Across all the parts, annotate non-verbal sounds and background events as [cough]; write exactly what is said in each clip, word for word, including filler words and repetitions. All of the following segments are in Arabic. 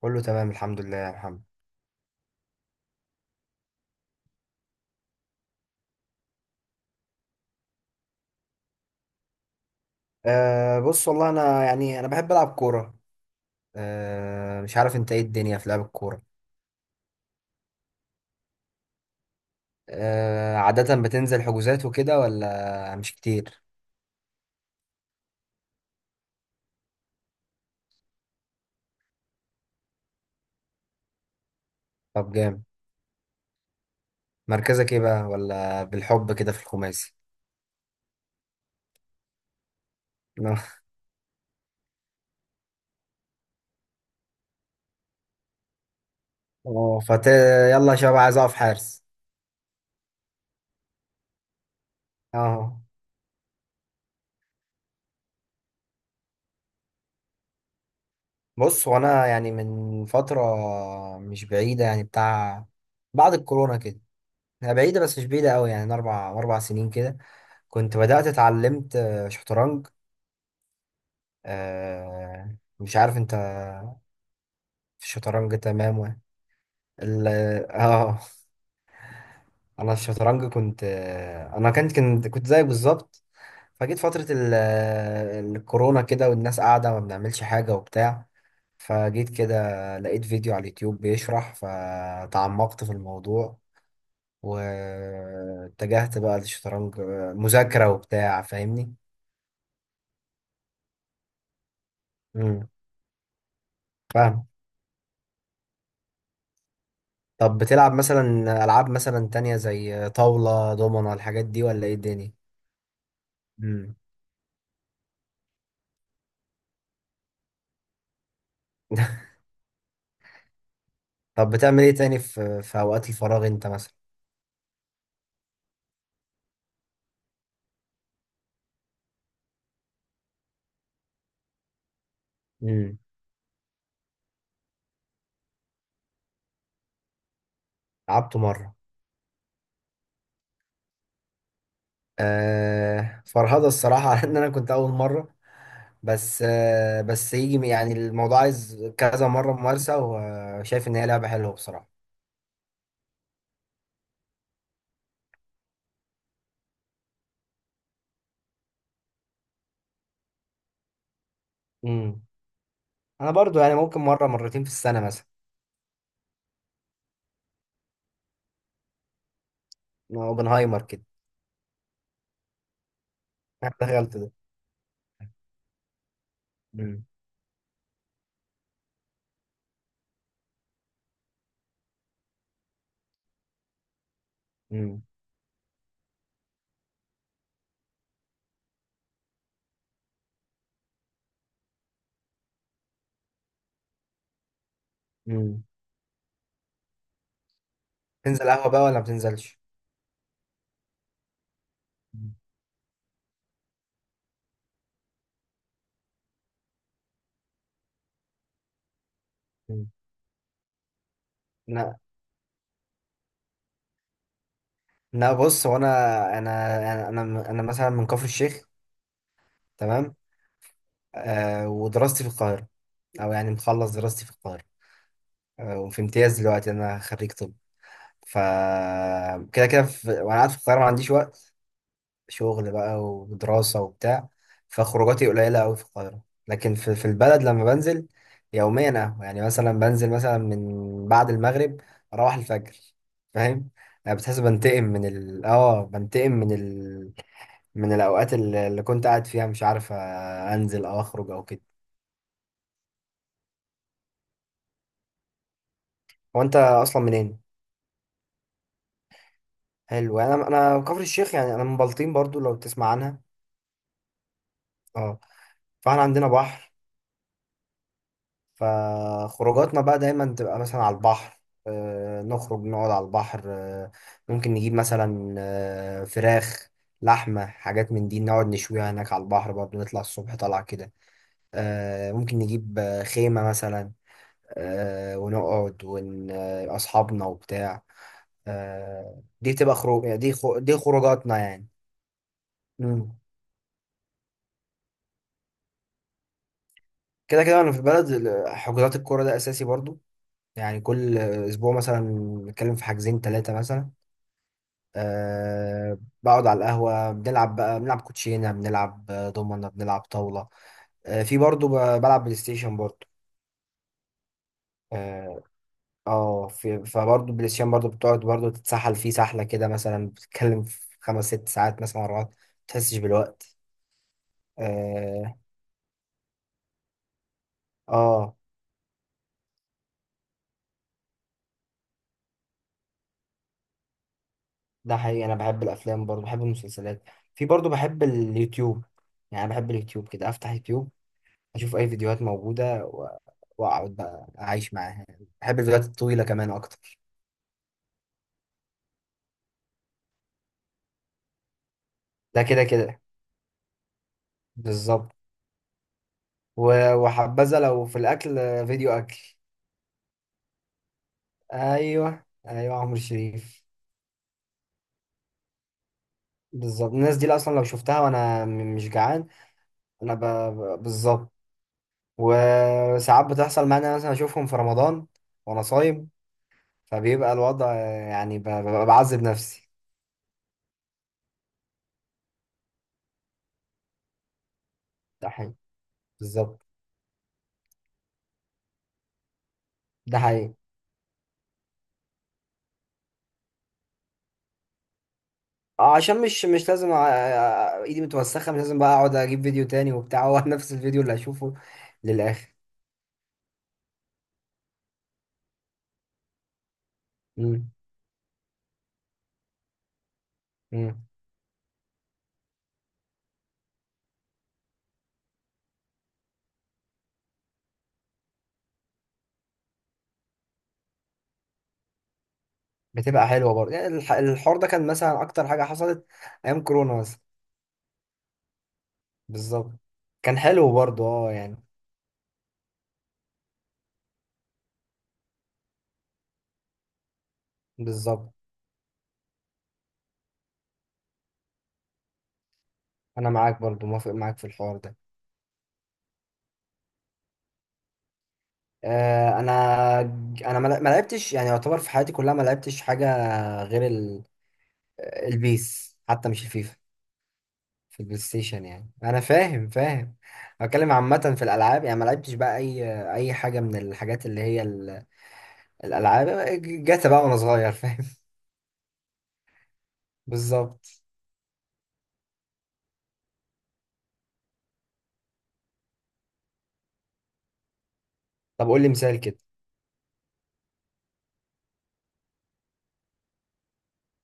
كله تمام، الحمد لله يا محمد. أه بص، والله انا، يعني، انا بحب العب كوره. أه مش عارف انت ايه الدنيا في لعب الكوره؟ أه عاده بتنزل حجوزات وكده ولا مش كتير؟ طب جامد. مركزك ايه بقى، ولا بالحب كده في الخماسي؟ [laughs] اه، فت. يلا يا شباب، عايز اقف حارس. اه، بص هو انا يعني من فتره مش بعيده، يعني بتاع، بعد الكورونا كده. هي بعيده بس مش بعيده قوي، يعني من اربع اربع سنين كده. كنت بدات اتعلمت آه، شطرنج. آه مش عارف انت. في الشطرنج تمام، و... ال... اه، انا في الشطرنج كنت آه انا كنت كنت كنت زيك بالظبط. فجيت فترة ال... آه، الكورونا كده، والناس قاعدة ما بنعملش حاجة وبتاع. فجيت كده، لقيت فيديو على اليوتيوب بيشرح فتعمقت في الموضوع. واتجهت بقى للشطرنج، آه، مذاكرة وبتاع، فاهمني. امم فاهم. طب بتلعب مثلا ألعاب مثلا تانية زي طاولة دومنة الحاجات دي، ولا ايه الدنيا؟ مم. [laughs] طب بتعمل ايه تاني في في اوقات الفراغ انت مثلا؟ امم لعبته مره. آه فرهضه الصراحه، [laughs] على ان انا كنت اول مره. بس آه بس يجي يعني، الموضوع عايز كذا مره ممارسه، وشايف ان هي لعبه حلوه بصراحه. امم انا برضو يعني ممكن مره مرتين في السنه مثلا. اوبنهايمر كده. [laughs] أنا دخلت ده. امم. امم. امم. تنزل قهوه بقى ولا ما بتنزلش؟ مم. مم. لا، لا بص هو انا انا انا انا أنا مثلا من كفر الشيخ. تمام. آه ودراستي في القاهرة، أو يعني مخلص دراستي في القاهرة. آه وفي امتياز دلوقتي أنا خريج طب. ف كده كده، في... وأنا قاعد في القاهرة ما عنديش وقت، شغل بقى ودراسة وبتاع. فخروجاتي قليلة أوي في القاهرة. لكن في, في البلد لما بنزل يوميا، أهو يعني مثلا بنزل مثلا من بعد المغرب أروح الفجر. فاهم؟ أنا بتحس بنتقم من ال آه بنتقم من ال، من الأوقات اللي اللي كنت قاعد فيها مش عارف آه، أنزل أو أخرج أو كده. هو أنت أصلا منين؟ حلو، يعني انا انا كفر الشيخ، يعني انا من بلطيم برضو لو تسمع عنها. اه. فاحنا عندنا بحر، فخروجاتنا بقى دايما تبقى مثلا على البحر. آه نخرج نقعد على البحر. آه ممكن نجيب مثلا آه فراخ، لحمة، حاجات من دي، نقعد نشويها هناك على البحر برضو. نطلع الصبح طلع كده. آه ممكن نجيب آه، خيمة مثلا. آه ونقعد ون آه، أصحابنا وبتاع. آه دي بتبقى خروج دي خو... دي خروجاتنا يعني. مم. كده كده، وانا في البلد ال- حجوزات الكوره ده اساسي برضو. يعني كل اسبوع مثلا نتكلم في حاجزين ثلاثه مثلا. أه، بقعد على القهوه بنلعب بقى، بنلعب كوتشينه، بنلعب آه، دومنه، بنلعب طاوله. أه، في برضو ب- بلعب بلاي ستيشن برضو. اه. آه، في فبرضو بلاي ستيشن، برضو بتقعد برضو تتسحل فيه سحله كده مثلا، بتتكلم في خمس ست ساعات مثلا ورا بعض ما تحسش بالوقت. اه. آه، ده حقيقي. انا بحب الافلام برضو بحب المسلسلات. في برضو بحب اليوتيوب. يعني أنا بحب اليوتيوب كده افتح يوتيوب، اشوف اي فيديوهات موجودة و- واقعد بقى اعيش معاها. بحب الفيديوهات الطويلة كمان اكتر. ده كده كده، بالظبط. و- وحبذا لو في الاكل فيديو اكل. ايوه، ايوه عمرو شريف. بالظبط، الناس دي اصلا لو شفتها وانا م- مش جعان. انا ب... ب- بالظبط. وساعات بتحصل معايا إن أنا مثلا اشوفهم في رمضان وانا صايم، فبيبقى الوضع يعني ب- ببقى بعذب نفسي. ده حقيقي، بالظبط. ده حقيقي. اه، عشان مش مش لازم أ- أ- ايدي متوسخه مش لازم بقى اقعد اجيب فيديو تاني وبتاع، هو [laughs] نفس الفيديو اللي هشوفه للاخر. امم. امم. بتبقى حلوه برضه، يعني الح- الحوار ده كان مثلا اكتر حاجه حصلت ايام كورونا مثلا. بالظبط. كان حلو برضه اه، يعني بالظبط. انا معاك برضه، موافق معاك في الحوار ده. آه انا انا ما ما لعبتش يعني، يعتبر في حياتي كلها ما لعبتش حاجه، غير البيس، حتى مش الفيفا. في البلاي ستيشن يعني، انا فاهم فاهم. بتكلم عامه في الالعاب، يعني ما لعبتش بقى اي اي حاجه من الحاجات اللي هي ال- الالعاب. جاتا بقى وانا صغير، فاهم. [laughs] بالظبط. طب قول لي مثال كده.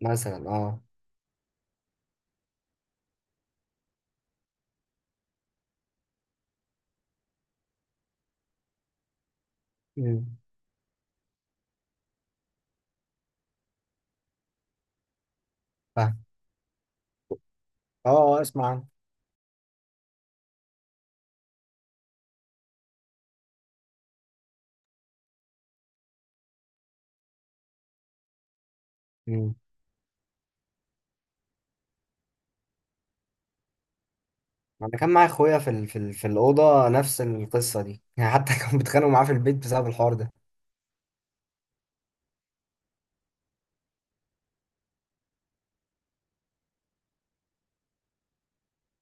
مثلا اه. امم فاهم. اه، آه، اسمع عنه. امم. انا كان معايا اخويا في ال... في ال... في الاوضه نفس القصه دي، يعني حتى [laughs] كانوا بيتخانقوا معاه في البيت بسبب الحوار ده.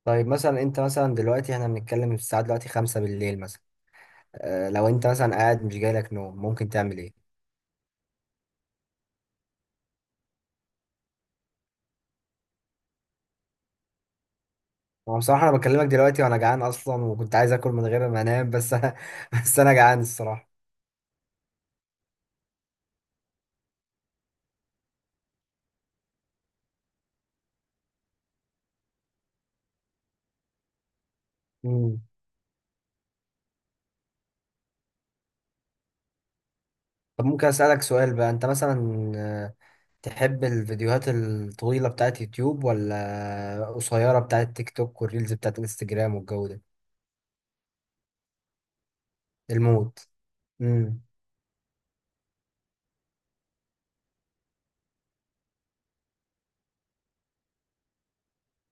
طيب مثلا انت مثلا دلوقتي احنا بنتكلم الساعه دلوقتي خمسة بالليل مثلا، آه، لو انت مثلا قاعد مش جايلك نوم ممكن تعمل ايه؟ هو بصراحه انا بكلمك دلوقتي وانا جعان اصلا، وكنت عايز اكل من غير ما انام بس، [laughs] انا بس انا جعان الصراحه. مم. طب ممكن اسالك سؤال بقى، انت مثلا آه، تحب الفيديوهات الطويله بتاعت يوتيوب ولا قصيره بتاعت تيك توك والريلز بتاعت انستجرام والجو ده؟ المود. امم.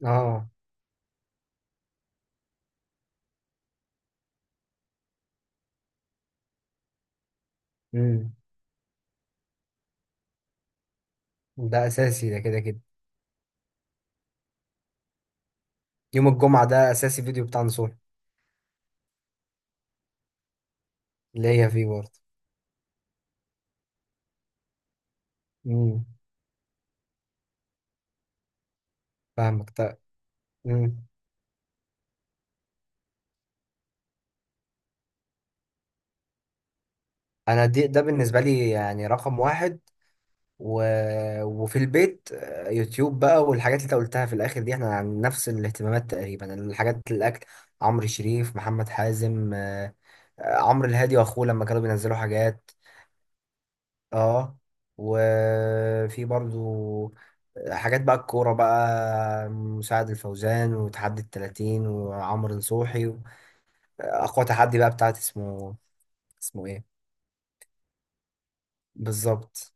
اه. امم. ده اساسي، ده كده كده. يوم الجمعه ده اساسي فيديو بتاع نصوحي. اللي هي فيه برضه. امم، فاهمك. طيب. انا دي، ده بالنسبه لي يعني رقم واحد. و... وفي البيت آه، يوتيوب بقى والحاجات اللي انت قلتها في الاخر دي، احنا عن نفس الاهتمامات تقريبا، الحاجات، الاكل، عمرو شريف، محمد حازم، آه، آه، عمرو الهادي واخوه لما كانوا بينزلوا حاجات. اه. وفي برضو آه، حاجات بقى الكوره، بقى مساعد الفوزان وتحدي التلاتين وعمرو نصوحي. اقوى تحدي بقى بتاعت اسمه، اسمه ايه؟ بالظبط.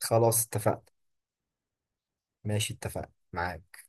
خلاص اتفقنا. ماشي اتفقنا معاك.